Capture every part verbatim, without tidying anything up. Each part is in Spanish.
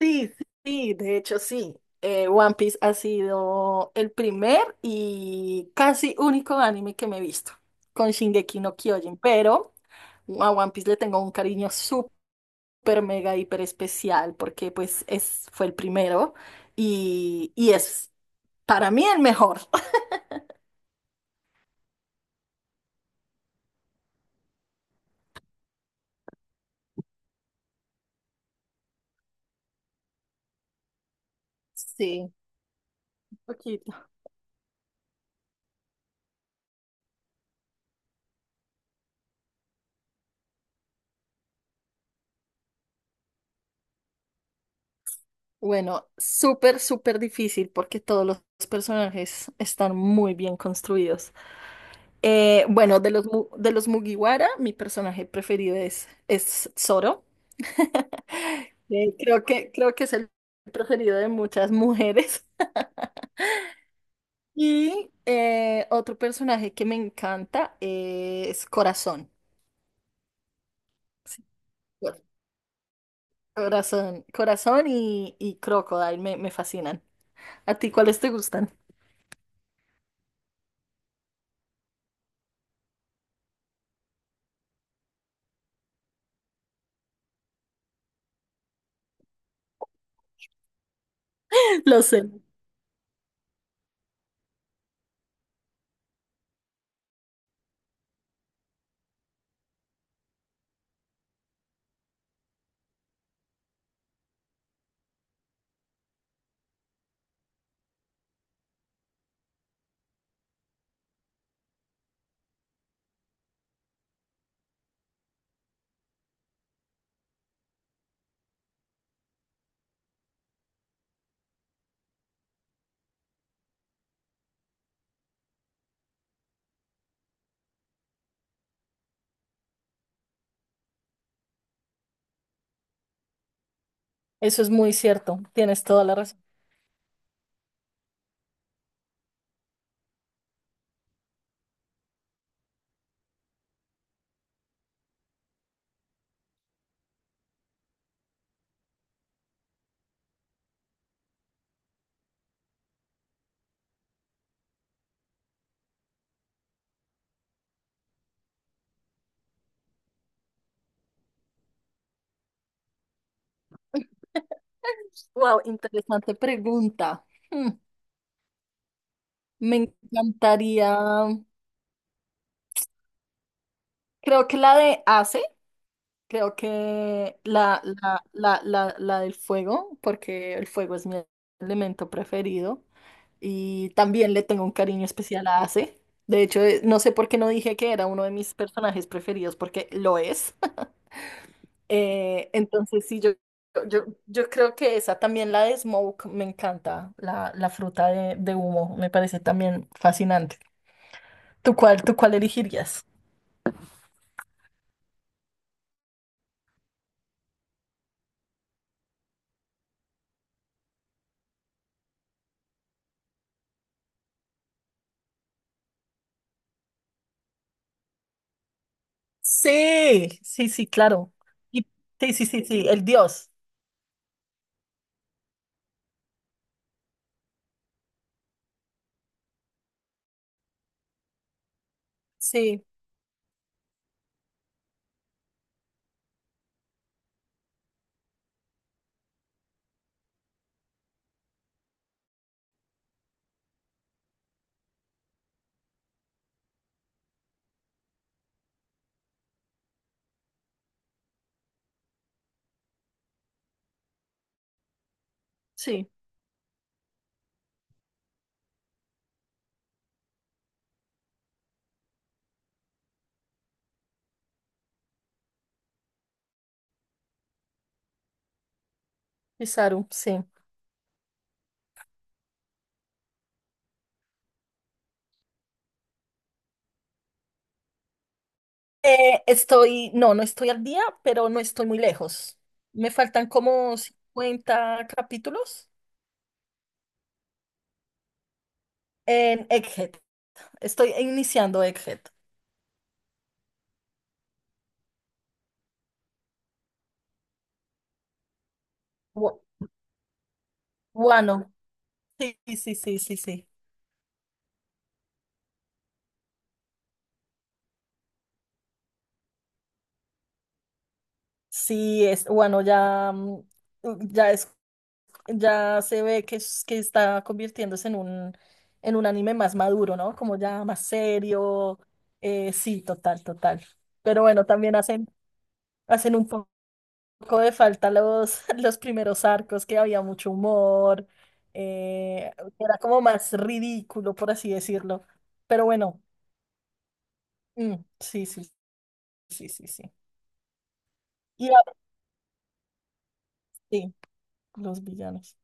Sí, sí, de hecho sí. Eh, One Piece ha sido el primer y casi único anime que me he visto con Shingeki no Kyojin, pero a One Piece le tengo un cariño súper mega hiper especial porque pues es, fue el primero y, y es para mí el mejor. Sí, un poquito. Bueno, súper, súper difícil porque todos los personajes están muy bien construidos. Eh, bueno, de los, Mu- de los Mugiwara, mi personaje preferido es, es Zoro. Eh, Creo que, creo que es el preferido de muchas mujeres. Y eh, otro personaje que me encanta es Corazón. Sí, Cor- Corazón, Corazón y, y Crocodile me, me fascinan. ¿A ti cuáles te gustan? Lo sé. Eso es muy cierto, tienes toda la razón. Wow, interesante pregunta. Hmm, Me encantaría, creo que la de Ace, creo que la, la, la, la, la del fuego, porque el fuego es mi elemento preferido y también le tengo un cariño especial a Ace. De hecho, eh, no sé por qué no dije que era uno de mis personajes preferidos, porque lo es. Eh, entonces, sí, yo, yo, yo creo que esa también, la de smoke, me encanta, la, la fruta de, de humo, me parece también fascinante. ¿Tú cuál, ¿tú cuál elegirías? Sí, sí, sí, claro. Y- sí, sí, sí, sí, el dios. Sí, sí, Isaru, sí. Eh, estoy, no, no estoy al día, pero no estoy muy lejos. Me faltan como cincuenta capítulos en Egghead. Estoy iniciando Egghead. Wa- Wano, sí, sí, sí, sí, sí. Sí, es, bueno, ya, mm, ya es, ya se ve que, es- que está convirtiéndose en un, en un anime más maduro, ¿no? Como ya más serio. eh, sí, total, total. Pero bueno, también hacen, hacen un po- poco de falta los, los primeros arcos, que había mucho humor, eh, era como más ridículo, por así decirlo. Pero bueno, mm, sí, sí, sí, sí, sí. Y ahora sí, los villanos.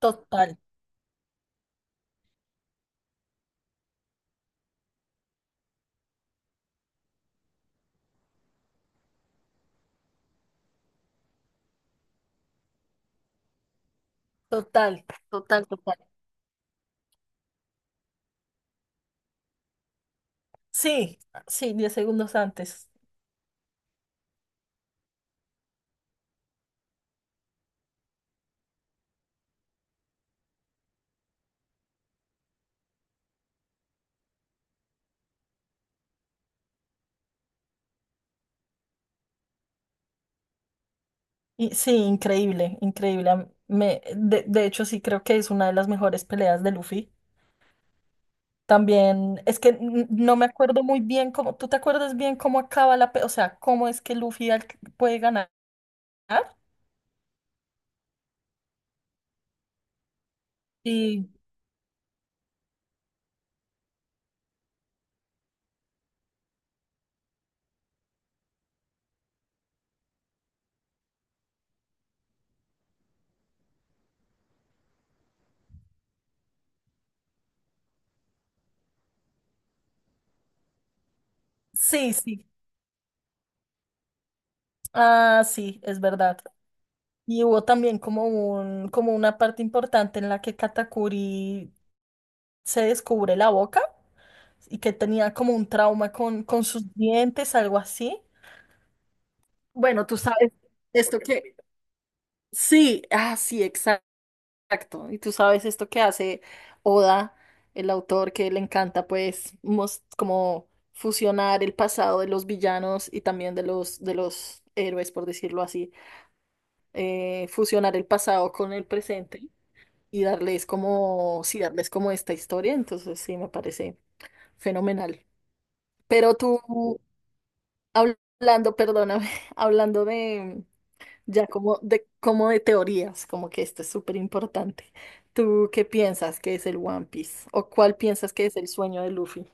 Total. Total, total, total. Sí, sí, diez segundos antes. Y sí, increíble, increíble. Am- Me, de, de hecho, sí creo que es una de las mejores peleas de Luffy. También es que n- no me acuerdo muy bien cómo. ¿Tú te acuerdas bien cómo acaba la pelea? O sea, ¿cómo es que Luffy al- puede ganar? Sí, sí, sí. Ah, sí, es verdad. Y hubo también como un, como una parte importante en la que Katakuri se descubre la boca. Y que tenía como un trauma con, con sus dientes, algo así. Bueno, tú sabes esto que... Sí, ah, sí, exacto. Y tú sabes esto que hace Oda, el autor, que le encanta, pues, mos- como fusionar el pasado de los villanos y también de los, de los héroes, por decirlo así. Eh, fusionar el pasado con el presente y darles como, sí, darles como esta historia. Entonces, sí, me parece fenomenal. Pero tú, hablando, perdóname, hablando de ya como de como de teorías, como que esto es súper importante. ¿Tú qué piensas que es el One Piece? ¿O cuál piensas que es el sueño de Luffy?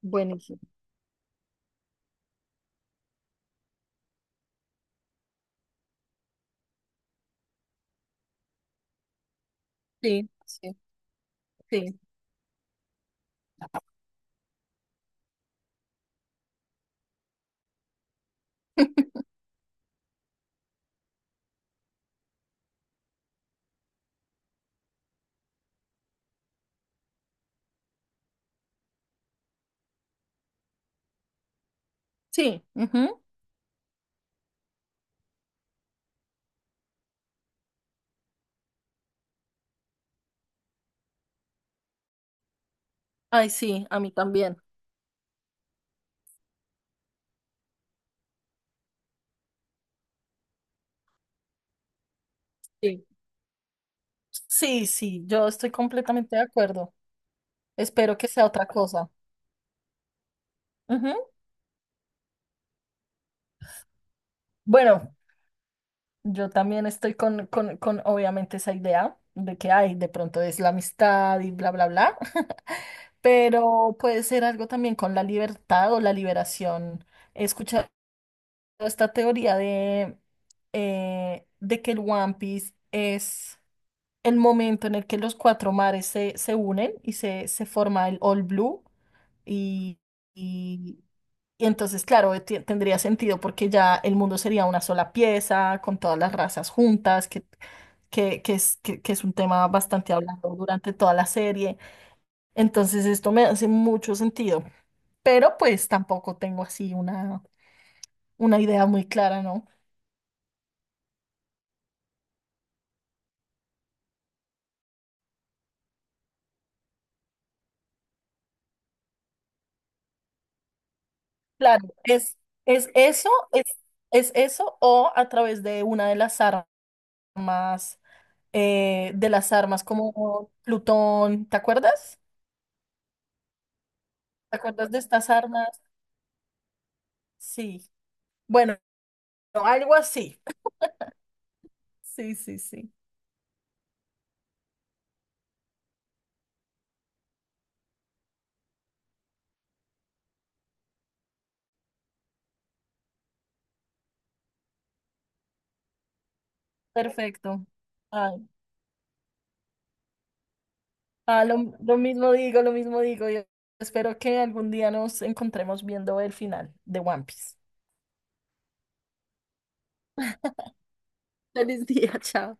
Buenísimo. Sí, sí, sí. Sí, ujú. Ay, sí, a mí también. Sí. Sí, sí, yo estoy completamente de acuerdo. Espero que sea otra cosa. Ujú. Bueno, yo también estoy con, con, con, obviamente, esa idea de que hay, de pronto es la amistad y bla, bla, bla, pero puede ser algo también con la libertad o la liberación. He escuchado esta teoría de, eh, de que el One Piece es el momento en el que los cuatro mares se, se unen y se, se forma el All Blue. Y y entonces, claro, eh, ti- tendría sentido porque ya el mundo sería una sola pieza, con todas las razas juntas, que, que, que es, que, que es un tema bastante hablado durante toda la serie. Entonces, esto me hace mucho sentido, pero pues tampoco tengo así una, una idea muy clara, ¿no? Claro, es, es eso, es, es eso o a través de una de las armas, eh, de las armas como Plutón, ¿te acuerdas? ¿Te acuerdas de estas armas? Sí. Bueno. No, algo así. Sí, sí, sí. Perfecto. Ay, ah, lo, lo mismo digo, lo mismo digo. Yo espero que algún día nos encontremos viendo el final de One Piece. Feliz día, chao.